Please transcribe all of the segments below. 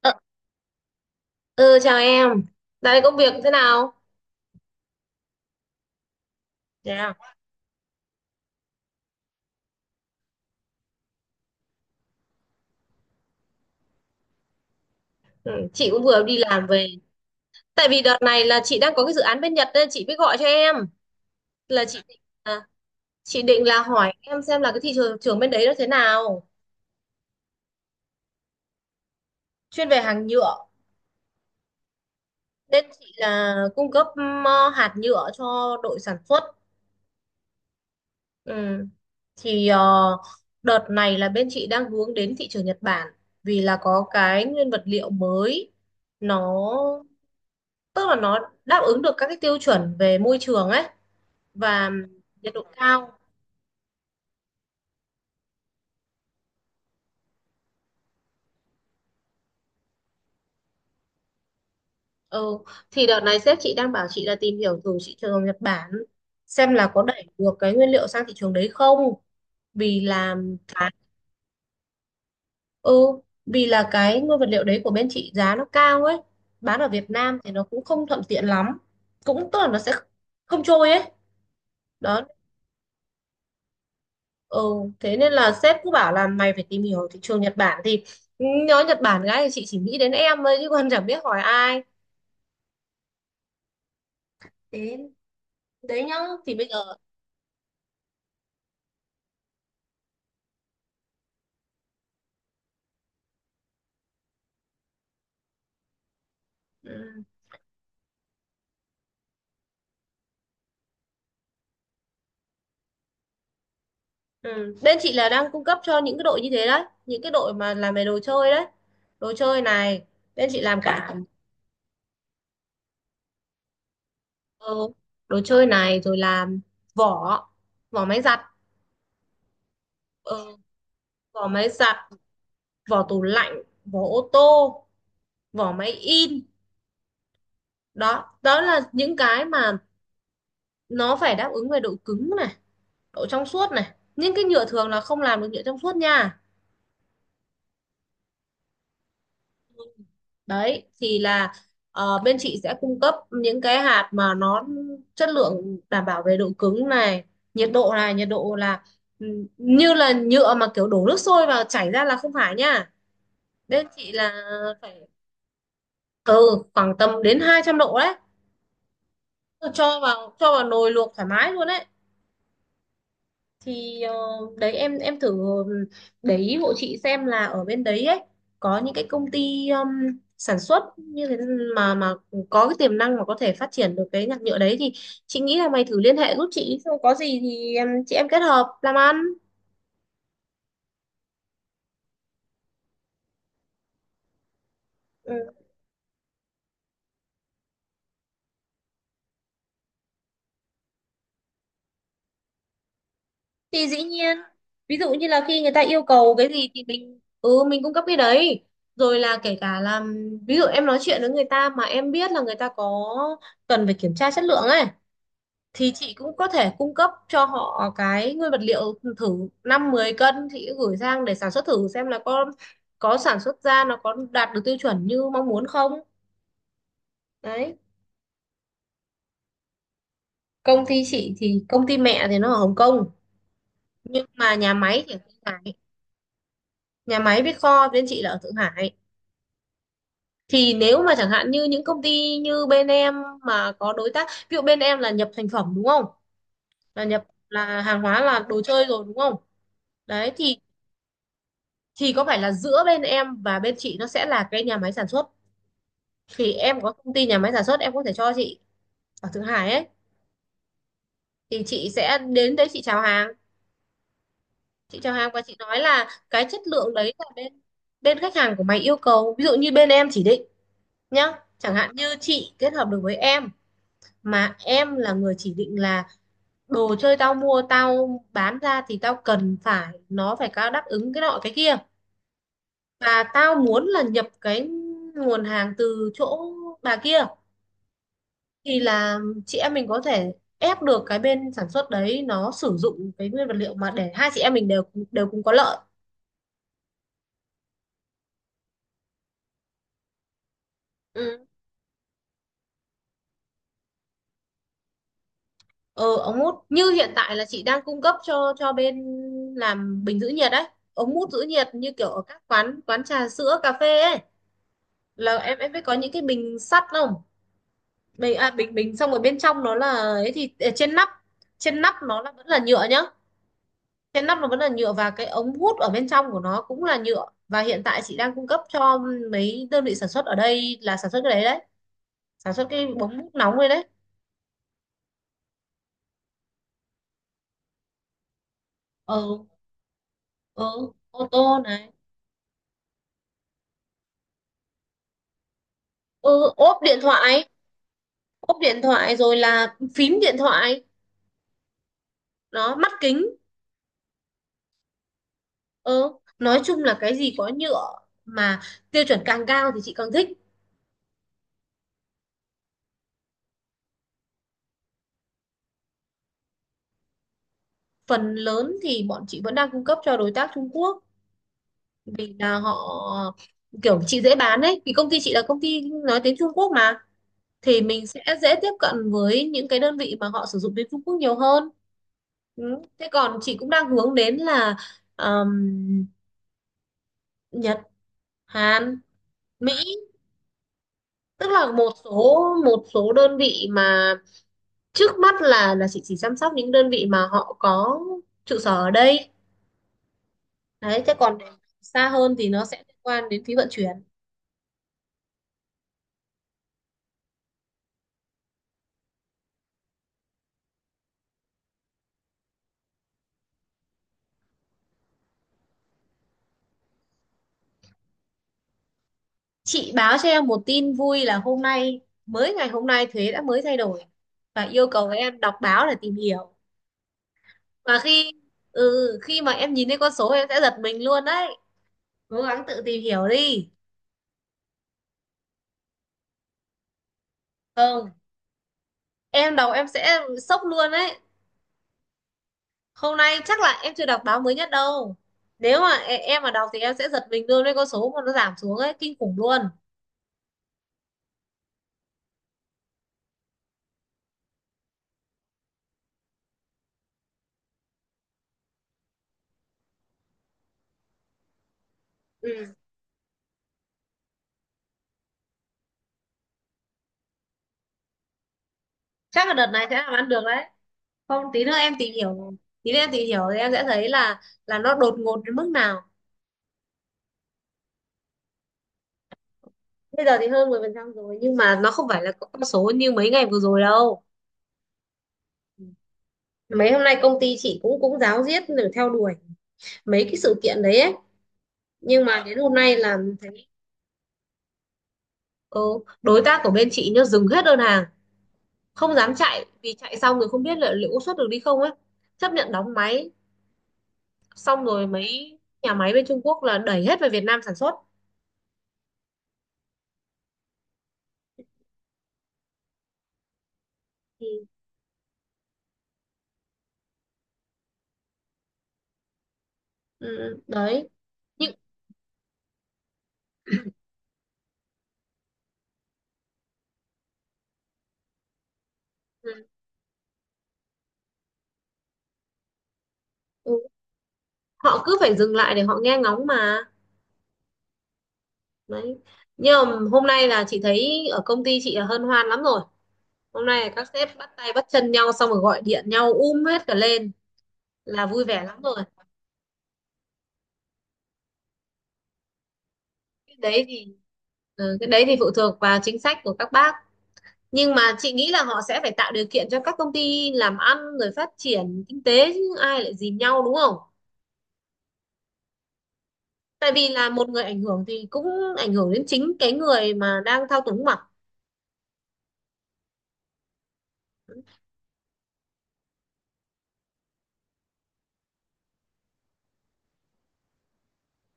Ờ, ừ, chào em. Dạo này công việc thế nào? Dạ, ừ, chị cũng vừa đi làm về. Tại vì đợt này là chị đang có cái dự án bên Nhật nên chị mới gọi cho em. Là chị định à, chị định là hỏi em xem là cái thị trường trường bên đấy nó thế nào. Chuyên về hàng nhựa nên chị là cung cấp hạt nhựa cho đội sản xuất. Ừ. Thì đợt này là bên chị đang hướng đến thị trường Nhật Bản, vì là có cái nguyên vật liệu mới, nó tức là nó đáp ứng được các cái tiêu chuẩn về môi trường ấy và nhiệt độ cao. Ừ, thì đợt này sếp chị đang bảo chị là tìm hiểu thử thị trường Nhật Bản, xem là có đẩy được cái nguyên liệu sang thị trường đấy không, vì là cái ừ vì là cái nguyên vật liệu đấy của bên chị giá nó cao ấy, bán ở Việt Nam thì nó cũng không thuận tiện lắm, cũng tức là nó sẽ không trôi ấy. Đó, ừ, thế nên là sếp cứ bảo là mày phải tìm hiểu thị trường Nhật Bản. Thì ừ, nhớ Nhật Bản gái thì chị chỉ nghĩ đến em thôi chứ còn chẳng biết hỏi ai. Đấy, đấy nhá, thì bây giờ ừ. Ừ, bên chị là đang cung cấp cho những cái đội như thế đấy, những cái đội mà làm về đồ chơi đấy, đồ chơi này, bên chị làm cả cần thơ đồ chơi này, rồi làm vỏ, vỏ máy giặt, ờ, vỏ máy giặt, vỏ tủ lạnh, vỏ ô tô, vỏ máy in. Đó đó là những cái mà nó phải đáp ứng về độ cứng này, độ trong suốt này. Những cái nhựa thường là không làm được nhựa trong suốt nha. Đấy thì là, bên chị sẽ cung cấp những cái hạt mà nó chất lượng, đảm bảo về độ cứng này, nhiệt độ này. Nhiệt độ là ừ, như là nhựa mà kiểu đổ nước sôi vào chảy ra là không phải nha. Bên chị là phải từ khoảng tầm đến 200 độ đấy, cho vào nồi luộc thoải mái luôn đấy. Thì đấy, em thử để ý hộ chị xem là ở bên đấy ấy có những cái công ty sản xuất như thế mà có cái tiềm năng mà có thể phát triển được cái nhạc nhựa đấy, thì chị nghĩ là mày thử liên hệ giúp chị, xong có gì thì em chị em kết hợp làm ăn. Ừ, thì dĩ nhiên, ví dụ như là khi người ta yêu cầu cái gì thì mình ừ mình cung cấp cái đấy, rồi là kể cả là ví dụ em nói chuyện với người ta mà em biết là người ta có cần phải kiểm tra chất lượng ấy, thì chị cũng có thể cung cấp cho họ cái nguyên vật liệu thử, 5 10 cân chị gửi sang để sản xuất thử xem là có sản xuất ra nó có đạt được tiêu chuẩn như mong muốn không. Đấy, công ty chị thì công ty mẹ thì nó ở Hồng Kông, nhưng mà nhà máy thì ở Thượng Hải. Nhà máy với kho bên chị là ở Thượng Hải. Thì nếu mà chẳng hạn như những công ty như bên em mà có đối tác, ví dụ bên em là nhập thành phẩm đúng không, là nhập, là hàng hóa là đồ chơi rồi đúng không. Đấy thì có phải là giữa bên em và bên chị nó sẽ là cái nhà máy sản xuất, thì em có công ty nhà máy sản xuất em có thể cho chị ở Thượng Hải ấy, thì chị sẽ đến đấy chị chào hàng. Chị chào hàng và chị nói là cái chất lượng đấy là bên, bên khách hàng của mày yêu cầu, ví dụ như bên em chỉ định nhá, chẳng hạn như chị kết hợp được với em mà em là người chỉ định là đồ chơi tao mua tao bán ra thì tao cần phải nó phải có đáp ứng cái nọ cái kia, và tao muốn là nhập cái nguồn hàng từ chỗ bà kia, thì là chị em mình có thể ép được cái bên sản xuất đấy nó sử dụng cái nguyên vật liệu, mà để hai chị em mình đều đều cùng có lợi. Ừ, ờ ống hút như hiện tại là chị đang cung cấp cho bên làm bình giữ nhiệt đấy, ống hút giữ nhiệt như kiểu ở các quán quán trà sữa cà phê ấy. Là em biết có những cái bình sắt không, bình à, bình bình xong rồi bên trong nó là ấy, thì ở trên nắp, trên nắp nó là vẫn là nhựa nhá. Cái nắp nó vẫn là nhựa và cái ống hút ở bên trong của nó cũng là nhựa, và hiện tại chị đang cung cấp cho mấy đơn vị sản xuất ở đây là sản xuất cái đấy đấy, sản xuất cái bóng hút nóng đấy đấy. Ừ, ừ, ô tô này, ừ, ốp điện thoại, ốp điện thoại rồi là phím điện thoại, nó mắt kính. Ừ, nói chung là cái gì có nhựa mà tiêu chuẩn càng cao thì chị càng thích. Phần lớn thì bọn chị vẫn đang cung cấp cho đối tác Trung Quốc, vì là họ, kiểu chị dễ bán ấy, vì công ty chị là công ty nói tiếng Trung Quốc mà, thì mình sẽ dễ tiếp cận với những cái đơn vị mà họ sử dụng tiếng Trung Quốc nhiều hơn. Ừ, thế còn chị cũng đang hướng đến là ờm, Nhật, Hàn, Mỹ, tức là một số đơn vị mà trước mắt là chị chỉ chăm sóc những đơn vị mà họ có trụ sở ở đây. Đấy, thế còn xa hơn thì nó sẽ liên quan đến phí vận chuyển. Chị báo cho em một tin vui là hôm nay, mới ngày hôm nay thuế đã mới thay đổi, và yêu cầu em đọc báo để tìm hiểu. Và khi ừ, khi mà em nhìn thấy con số em sẽ giật mình luôn đấy, cố gắng tự tìm hiểu đi. Không, em đọc em sẽ sốc luôn đấy, hôm nay chắc là em chưa đọc báo mới nhất đâu, nếu mà em mà đọc thì em sẽ giật mình luôn với con số mà nó giảm xuống ấy, kinh khủng luôn. Ừ, chắc là đợt này sẽ làm ăn được đấy. Không, tí nữa em tìm hiểu, tí nữa em tìm hiểu thì em sẽ thấy là nó đột ngột đến mức nào. Bây giờ thì hơn 10% rồi nhưng mà nó không phải là con số như mấy ngày vừa rồi đâu. Mấy hôm nay công ty chị cũng cũng ráo riết để theo đuổi mấy cái sự kiện đấy ấy. Nhưng mà đến hôm nay là thấy ừ, đối tác của bên chị nhá dừng hết đơn hàng, không dám chạy vì chạy xong rồi không biết là liệu có xuất được đi không ấy. Chấp nhận đóng máy, xong rồi mấy nhà máy bên Trung Quốc là đẩy hết về Việt Nam sản xuất. Ừ, ừ, đấy. Nhưng ừ, ừ, họ cứ phải dừng lại để họ nghe ngóng mà. Đấy. Nhưng mà hôm nay là chị thấy ở công ty chị là hân hoan lắm rồi. Hôm nay là các sếp bắt tay bắt chân nhau xong rồi gọi điện nhau hết cả lên, là vui vẻ lắm rồi. Cái đấy thì, ừ, cái đấy thì phụ thuộc vào chính sách của các bác, nhưng mà chị nghĩ là họ sẽ phải tạo điều kiện cho các công ty làm ăn rồi phát triển kinh tế, chứ ai lại dìm nhau đúng không. Tại vì là một người ảnh hưởng thì cũng ảnh hưởng đến chính cái người mà đang thao túng mà.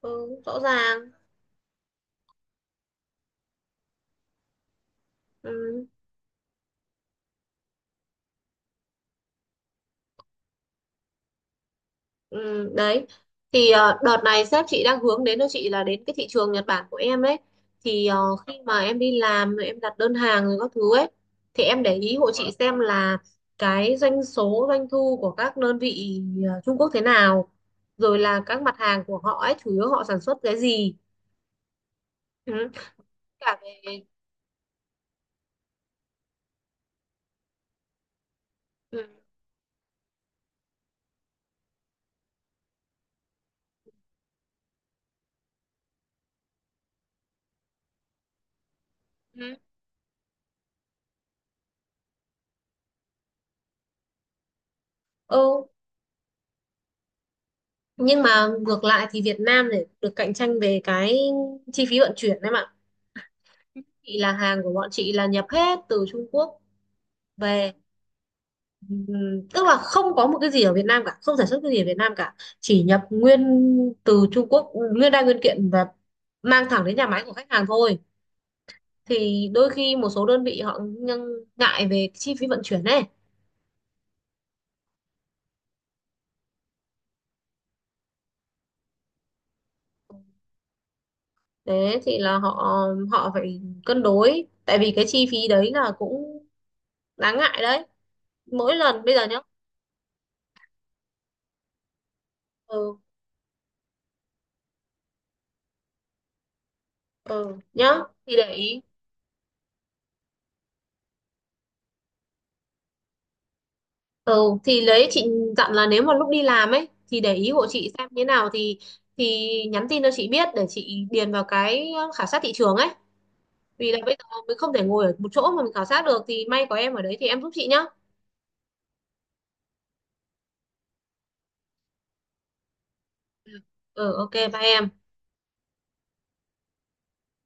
Ừ, rõ ràng. Ừ. Ừ, đấy, thì đợt này sếp chị đang hướng đến cho chị là đến cái thị trường Nhật Bản của em ấy. thì ờ, Khi mà em đi làm rồi em đặt đơn hàng rồi các thứ ấy, thì em để ý hộ chị xem là cái doanh số doanh thu của các đơn vị Trung Quốc thế nào, rồi là các mặt hàng của họ ấy chủ yếu họ sản xuất cái gì. Ừ, cả về ừ. Ừ, ừ, nhưng mà ngược lại thì Việt Nam để được cạnh tranh về cái chi phí vận chuyển em ạ. Thì là hàng của bọn chị là nhập hết từ Trung Quốc về tức là không có một cái gì ở Việt Nam cả, không sản xuất cái gì ở Việt Nam cả, chỉ nhập nguyên từ Trung Quốc nguyên đai nguyên kiện và mang thẳng đến nhà máy của khách hàng thôi. Thì đôi khi một số đơn vị họ nhưng ngại về chi phí vận chuyển này. Thế thì là họ họ phải cân đối, tại vì cái chi phí đấy là cũng đáng ngại đấy, mỗi lần bây giờ nhá. Ừ, ừ nhá, thì để ý. Ừ thì lấy chị dặn là nếu mà lúc đi làm ấy thì để ý hộ chị xem thế nào, thì nhắn tin cho chị biết để chị điền vào cái khảo sát thị trường ấy, vì là bây giờ mình không thể ngồi ở một chỗ mà mình khảo sát được, thì may có em ở đấy thì em giúp chị nhá. Ừ, ừ, ok bye em.